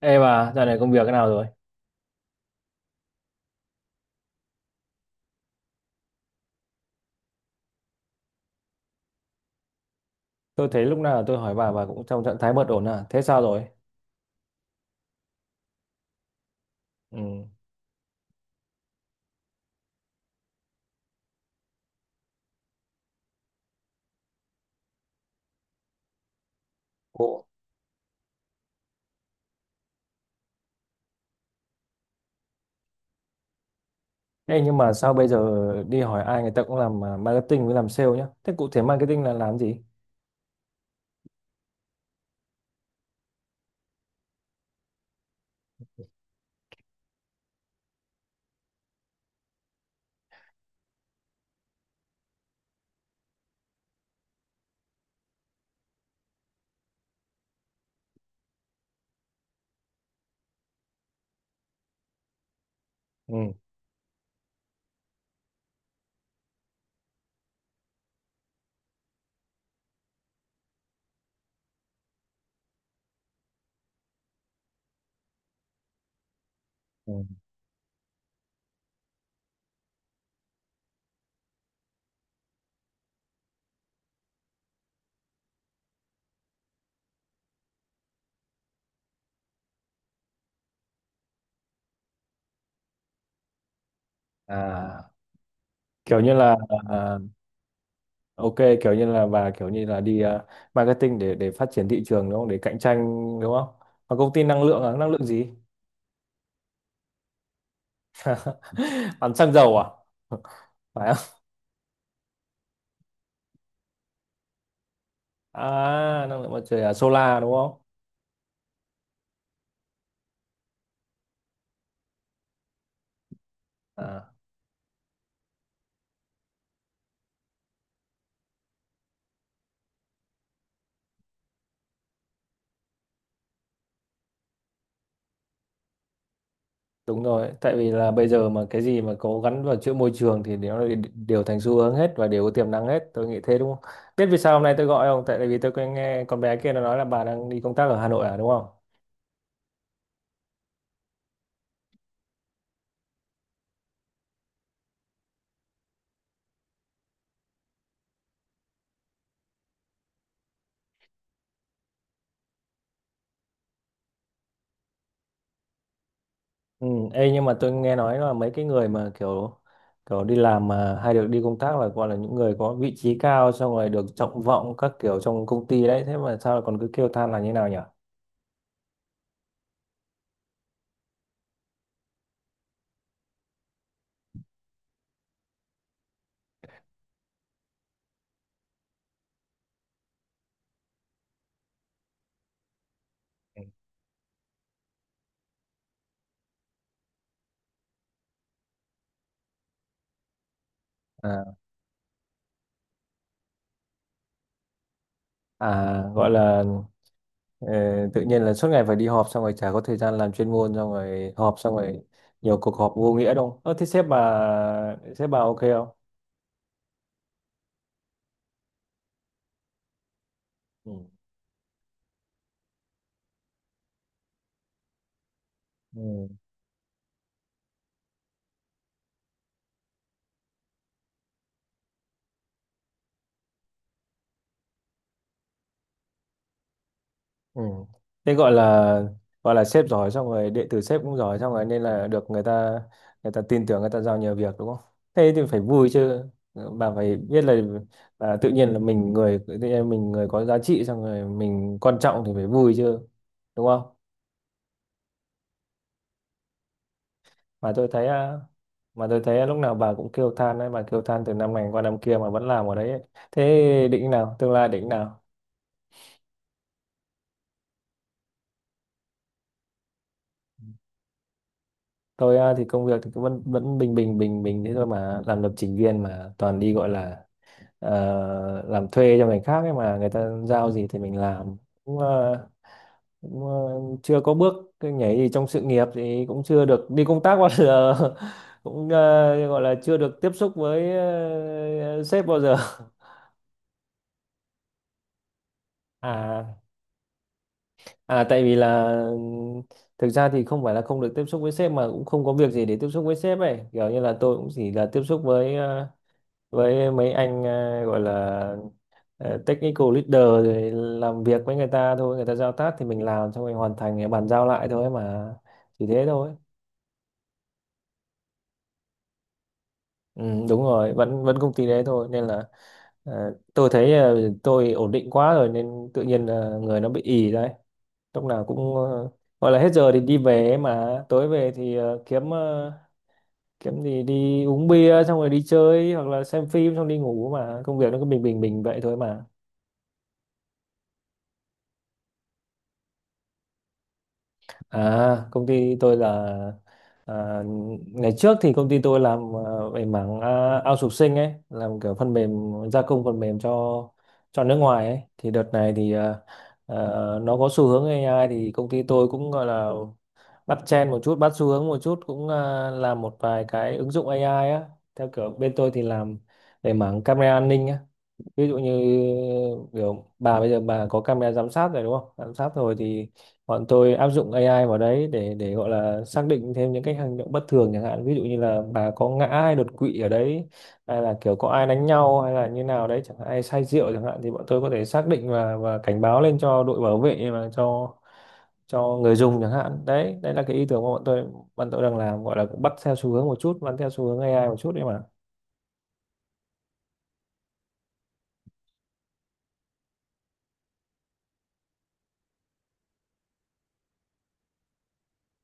Ê bà, dạo này công việc thế nào rồi? Tôi thấy lúc nào tôi hỏi bà cũng trong trạng thái bất ổn à? Thế sao rồi? Ừ. Ồ. Ê, nhưng mà sao bây giờ đi hỏi ai người ta cũng làm à, marketing với làm sale nhá. Thế cụ thể marketing là làm gì? Ừ. Ừ. À, kiểu như là ok, kiểu như là bà kiểu như là đi à, marketing để phát triển thị trường đúng không? Để cạnh tranh đúng không? Và công ty năng lượng à? Năng lượng gì? Bán xăng dầu à? Phải không? À, năng lượng mặt trời à? Solar đúng không? À. Đúng rồi, tại vì là bây giờ mà cái gì mà có gắn vào chữ môi trường thì nó lại đều thành xu hướng hết và đều có tiềm năng hết, tôi nghĩ thế đúng không? Biết vì sao hôm nay tôi gọi không? Tại vì tôi có nghe con bé kia nó nói là bà đang đi công tác ở Hà Nội à đúng không? Ừ, ê, nhưng mà tôi nghe nói là mấy cái người mà kiểu kiểu đi làm mà hay được đi công tác là gọi là những người có vị trí cao xong rồi được trọng vọng các kiểu trong công ty đấy, thế mà sao lại còn cứ kêu than là như nào nhỉ? À. À gọi là, ờ, tự nhiên là suốt ngày phải đi họp xong rồi chả có thời gian làm chuyên môn xong rồi họp xong rồi nhiều cuộc họp vô nghĩa đâu. Ơ thế sếp bà ok không? Ừ. Ừ. Ừ. Thế gọi là sếp giỏi xong rồi đệ tử sếp cũng giỏi xong rồi nên là được người ta tin tưởng người ta giao nhiều việc đúng không? Thế thì phải vui chứ. Bà phải biết là tự nhiên là mình người tự nhiên mình người có giá trị xong rồi mình quan trọng thì phải vui chứ. Đúng không? mà tôi thấy à, mà tôi thấy lúc nào bà cũng kêu than đấy bà kêu than từ năm này qua năm kia mà vẫn làm ở đấy ấy. Thế định nào tương lai định nào? Tôi à, thì công việc thì cứ vẫn vẫn bình bình thế thôi mà làm lập trình viên mà toàn đi gọi là làm thuê cho người khác ấy mà người ta giao gì thì mình làm cũng, chưa có bước cái nhảy gì trong sự nghiệp thì cũng chưa được đi công tác bao giờ cũng gọi là chưa được tiếp xúc với ờ, sếp bao giờ à À tại vì là thực ra thì không phải là không được tiếp xúc với sếp mà cũng không có việc gì để tiếp xúc với sếp ấy. Kiểu như là tôi cũng chỉ là tiếp xúc với với mấy anh gọi là technical leader rồi làm việc với người ta thôi, người ta giao task thì mình làm xong mình hoàn thành bàn giao lại thôi mà. Chỉ thế thôi. Ừ, đúng rồi, vẫn vẫn công ty đấy thôi nên là tôi thấy tôi ổn định quá rồi nên tự nhiên là người nó bị ì đấy. Lúc nào cũng gọi là hết giờ thì đi về ấy mà tối về thì kiếm kiếm gì đi uống bia xong rồi đi chơi hoặc là xem phim xong đi ngủ mà công việc nó cứ bình bình bình vậy thôi mà. Công ty tôi là, à, ngày trước thì công ty tôi làm về mảng outsourcing ấy, làm kiểu phần mềm gia công phần mềm cho nước ngoài ấy, thì đợt này thì à, nó có xu hướng AI thì công ty tôi cũng gọi là bắt trend một chút bắt xu hướng một chút cũng làm một vài cái ứng dụng AI á, theo kiểu bên tôi thì làm về mảng camera an ninh á, ví dụ như kiểu bà bây giờ bà có camera giám sát rồi đúng không, giám sát rồi thì bọn tôi áp dụng AI vào đấy để gọi là xác định thêm những cái hành động bất thường chẳng hạn ví dụ như là bà có ngã hay đột quỵ ở đấy hay là kiểu có ai đánh nhau hay là như nào đấy chẳng hạn, ai say rượu chẳng hạn, thì bọn tôi có thể xác định và cảnh báo lên cho đội bảo vệ và cho người dùng chẳng hạn đấy. Đấy là cái ý tưởng mà bọn tôi đang làm, gọi là cũng bắt theo xu hướng một chút bắt theo xu hướng AI một chút đấy mà.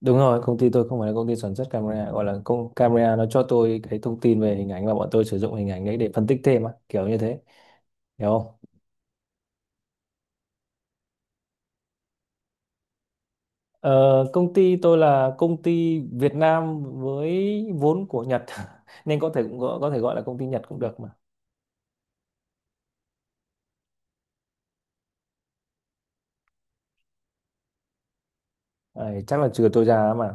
Đúng rồi, công ty tôi không phải là công ty sản xuất camera, gọi là công camera nó cho tôi cái thông tin về hình ảnh và bọn tôi sử dụng hình ảnh đấy để phân tích thêm á, kiểu như thế, hiểu không? Ờ, công ty tôi là công ty Việt Nam với vốn của Nhật nên có thể cũng có thể gọi là công ty Nhật cũng được mà. Đấy, chắc là trừ tôi ra mà.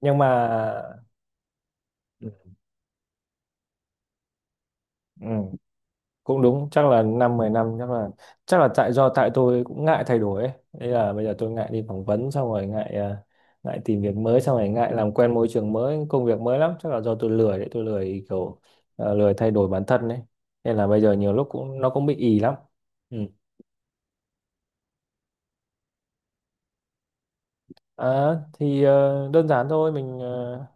Nhưng mà ừ, cũng đúng chắc là năm mười năm chắc là tại do tại tôi cũng ngại thay đổi ấy. Thế là bây giờ tôi ngại đi phỏng vấn xong rồi ngại ngại tìm việc mới xong rồi ngại làm quen môi trường mới công việc mới lắm, chắc là do tôi lười đấy, tôi lười kiểu lười thay đổi bản thân đấy nên là bây giờ nhiều lúc cũng nó cũng bị ì lắm. Ừ. Thì đơn giản thôi, mình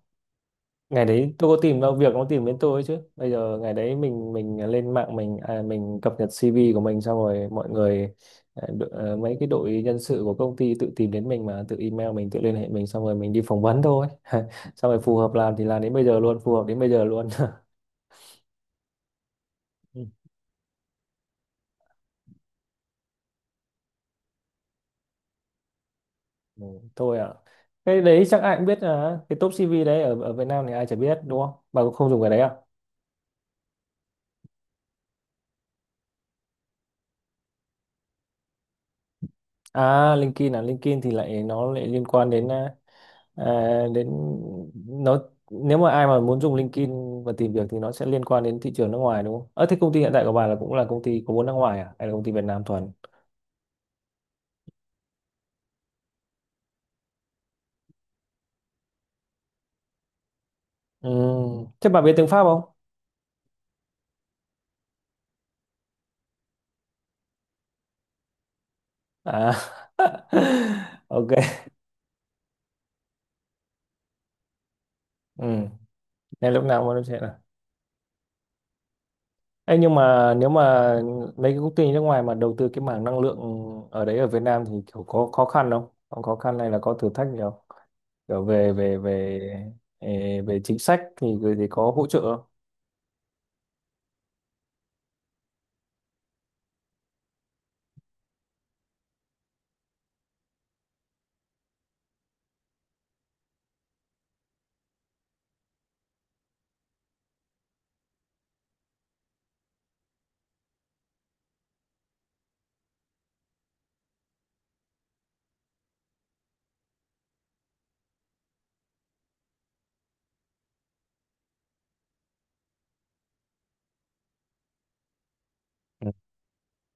ngày đấy tôi có tìm đâu việc nó tìm đến tôi ấy chứ, bây giờ ngày đấy mình lên mạng mình mình cập nhật CV của mình xong rồi mọi người mấy cái đội nhân sự của công ty tự tìm đến mình mà tự email mình tự liên hệ mình xong rồi mình đi phỏng vấn thôi xong rồi phù hợp làm thì làm đến bây giờ luôn, phù hợp đến bây giờ luôn Ừ, ừ, thôi ạ, cái đấy chắc ai cũng biết, à, cái top CV đấy ở ở Việt Nam thì ai chả biết đúng không, bà cũng không dùng cái đấy à? LinkedIn, à, LinkedIn thì lại nó lại liên quan đến À, đến nó, nếu mà ai mà muốn dùng LinkedIn và tìm việc thì nó sẽ liên quan đến thị trường nước ngoài đúng không? Ờ thế công ty hiện tại của bà là cũng là công ty có vốn nước ngoài à hay là công ty Việt Nam thuần? Ừ. Thế bà biết tiếng Pháp không? À. Ok. Ừ. Nên lúc nào mà nó sẽ là. Ê, nhưng mà nếu mà mấy cái công ty nước ngoài mà đầu tư cái mảng năng lượng ở đấy ở Việt Nam thì kiểu có khó khăn không? Có khó khăn hay là có thử thách gì không? Kiểu về về về về, về chính sách thì có hỗ trợ không?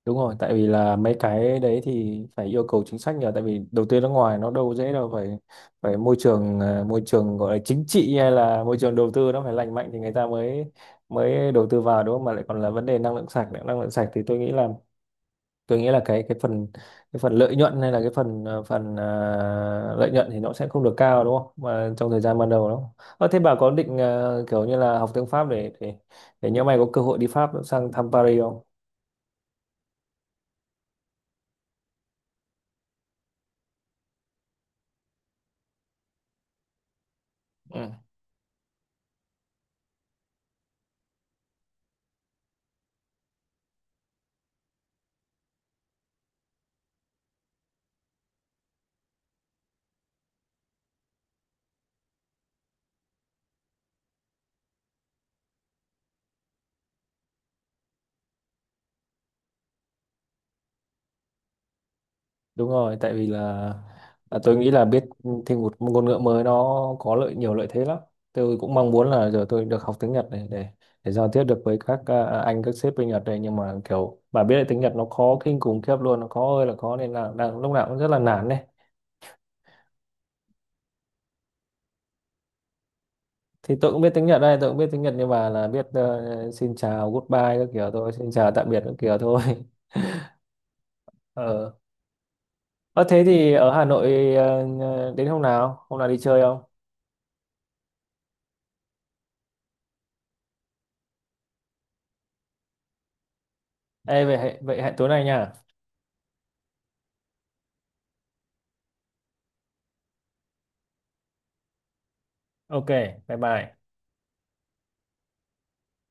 Đúng rồi, tại vì là mấy cái đấy thì phải yêu cầu chính sách nhờ, tại vì đầu tư nước ngoài nó đâu dễ đâu, phải phải môi trường môi trường gọi là chính trị hay là môi trường đầu tư nó phải lành mạnh thì người ta mới mới đầu tư vào đúng không? Mà lại còn là vấn đề năng lượng sạch nữa, năng lượng sạch thì tôi nghĩ là cái phần lợi nhuận hay là cái phần phần lợi nhuận thì nó sẽ không được cao đúng không? Mà trong thời gian ban đầu đó. Ờ, thế bà có định kiểu như là học tiếng Pháp để nhỡ mày có cơ hội đi Pháp sang thăm Paris không? Ừ. Đúng rồi, tại vì là tôi nghĩ là biết thêm một ngôn ngữ mới nó có lợi, nhiều lợi thế lắm. Tôi cũng mong muốn là giờ tôi được học tiếng Nhật này để giao tiếp được với các anh các sếp bên Nhật này nhưng mà kiểu bà biết là tiếng Nhật nó khó kinh khủng khiếp luôn, nó khó ơi là khó nên là đang lúc nào cũng rất là nản này. Thì tôi cũng biết tiếng Nhật đây, tôi cũng biết tiếng Nhật nhưng mà là biết xin chào, goodbye các kiểu thôi, xin chào tạm biệt các kiểu thôi. Ờ. Ờ thế thì ở Hà Nội đến hôm nào? Hôm nào đi chơi không? Ê vậy hẹn tối nay nha. Ok, bye bye.